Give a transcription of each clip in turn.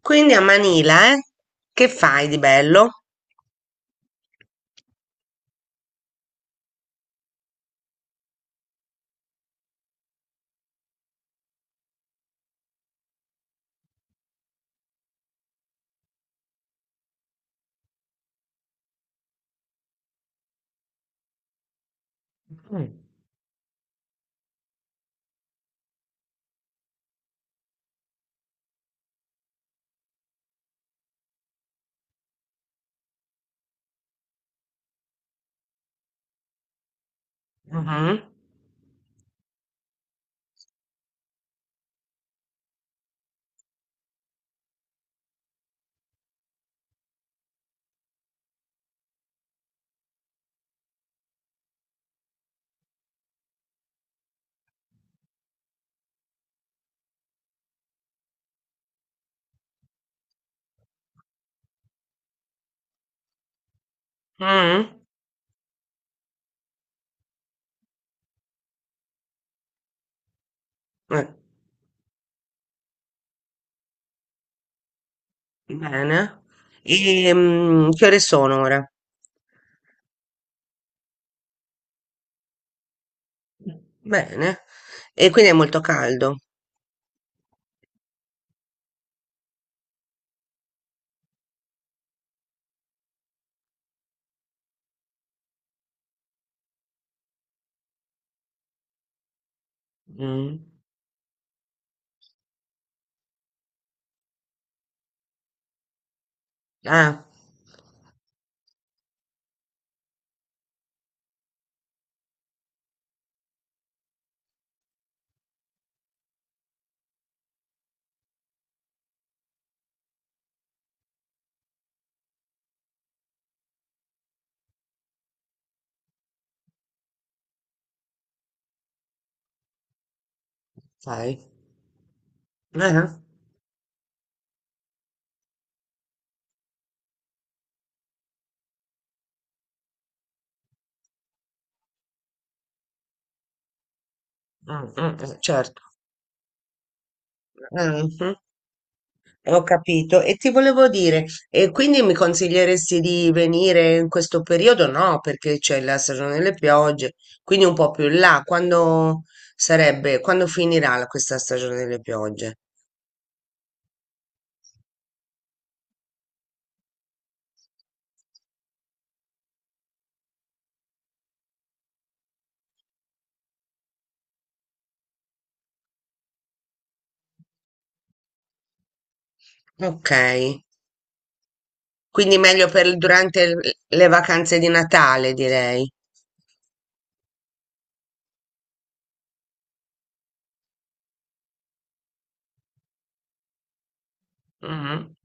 Quindi a Manila, eh? Che fai di bello? Mhm, mhm. Eh, bene. E, che ore sono ora? Bene. E quindi è molto caldo. Mm. Ah, sai. Eh, mm, mm, certo. Mhm. Ho capito. E ti volevo dire, e quindi mi consiglieresti di venire in questo periodo? No, perché c'è la stagione delle piogge, quindi un po' più in là. Quando sarebbe, quando finirà questa stagione delle piogge? Ok. Quindi meglio per durante le vacanze di Natale, direi. Mhm.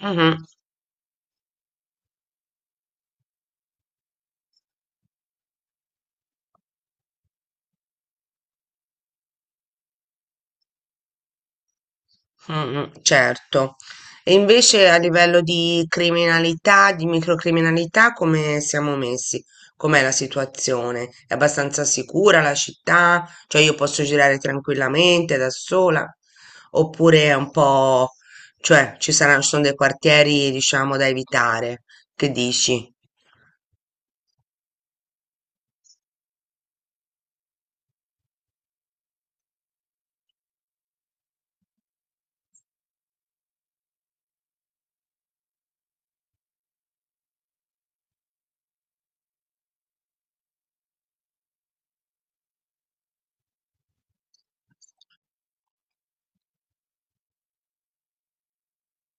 Mhm. Mm, mm, certo. E invece a livello di criminalità, di microcriminalità, come siamo messi? Com'è la situazione? È abbastanza sicura la città? Cioè io posso girare tranquillamente da sola? Oppure è un po'... cioè ci sono dei quartieri, diciamo, da evitare? Che dici?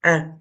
Eh,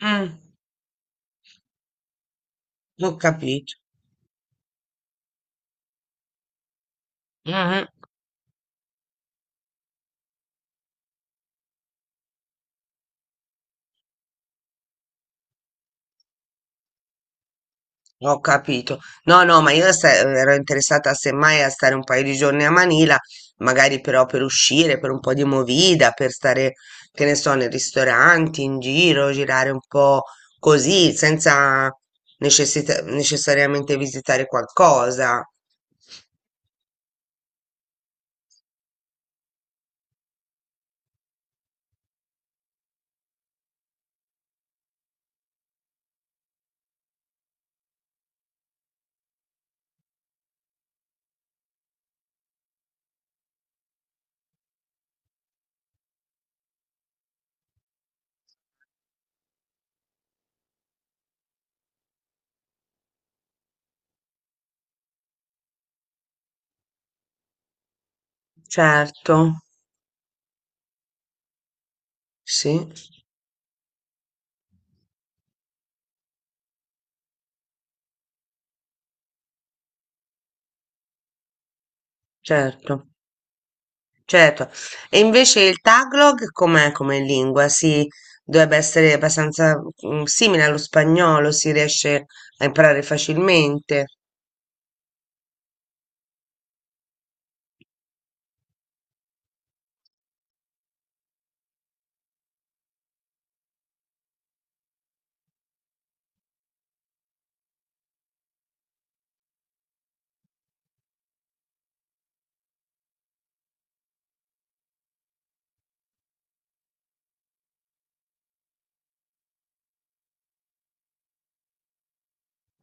mm, ho capito. Ho capito. No, no, ma io ero interessata semmai a stare un paio di giorni a Manila, magari però per uscire, per un po' di movida, per stare, che ne so, nei ristoranti, in giro, girare un po' così, senza necessariamente visitare qualcosa. Certo, sì, certo. Certo, e invece il Tagalog com'è come lingua? Si dovrebbe essere abbastanza simile allo spagnolo, si riesce a imparare facilmente?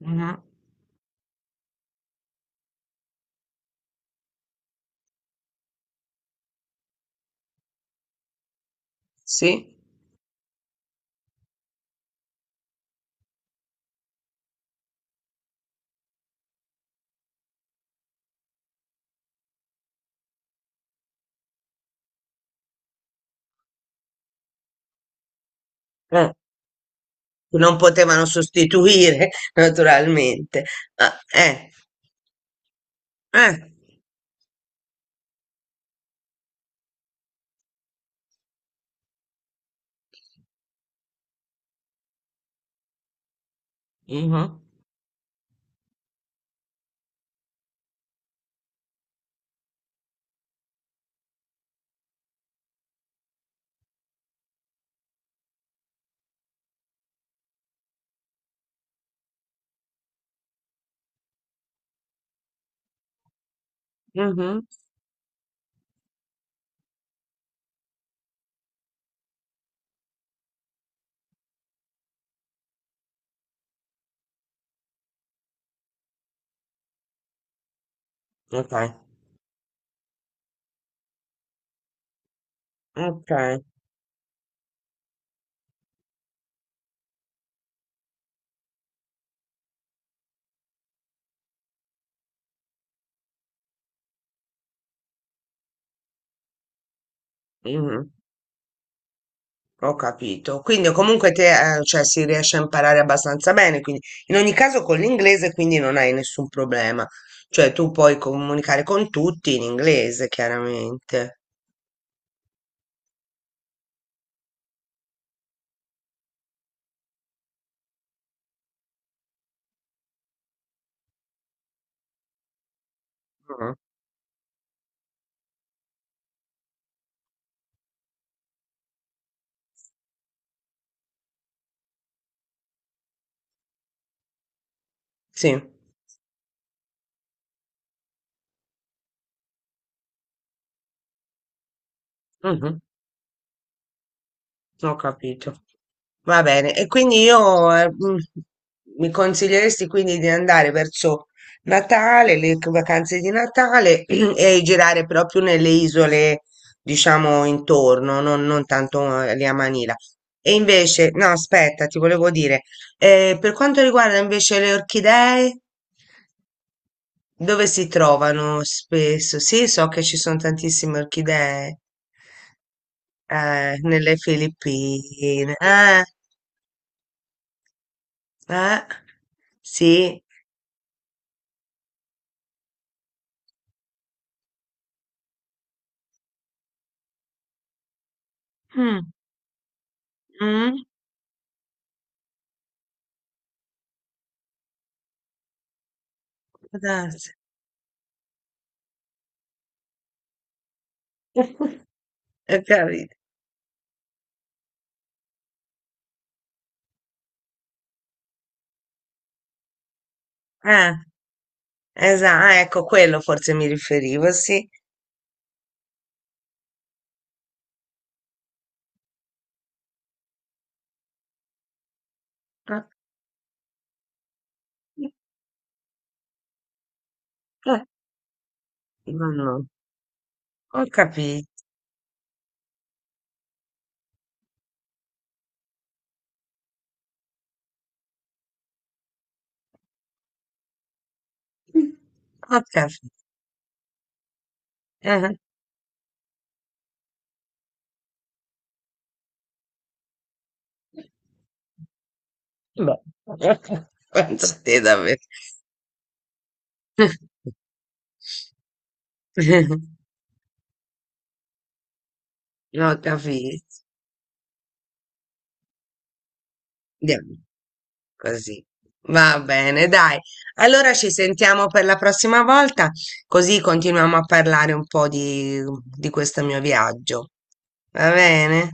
Mhm. Sì? Eh, non potevano sostituire naturalmente. Ah, eh, mhm. Mhm, ok, ok, mhm. Ho capito. Quindi comunque te, cioè, si riesce a imparare abbastanza bene, quindi in ogni caso con l'inglese quindi non hai nessun problema. Cioè tu puoi comunicare con tutti in inglese, chiaramente. Mm, sì, mhm, ho capito. Va bene, e quindi io mi consiglieresti quindi di andare verso Natale, vacanze di Natale e girare proprio nelle isole, diciamo, intorno, non tanto lì a Manila. E invece, no, aspetta, ti volevo dire, per quanto riguarda invece le orchidee, dove si trovano spesso? Sì, so che ci sono tantissime orchidee, nelle Filippine. Eh. Eh? Sì. Mm, mm, può darsi. Ho capito. Eh, esatto, ecco, quello forse mi riferivo, sì. Ah, no, no, ho capito. Ho capito. Eh, beh. Penso a te davvero. Ho capito. Andiamo. Così. Va bene, dai. Allora ci sentiamo per la prossima volta, così continuiamo a parlare un po' di questo mio viaggio. Va bene?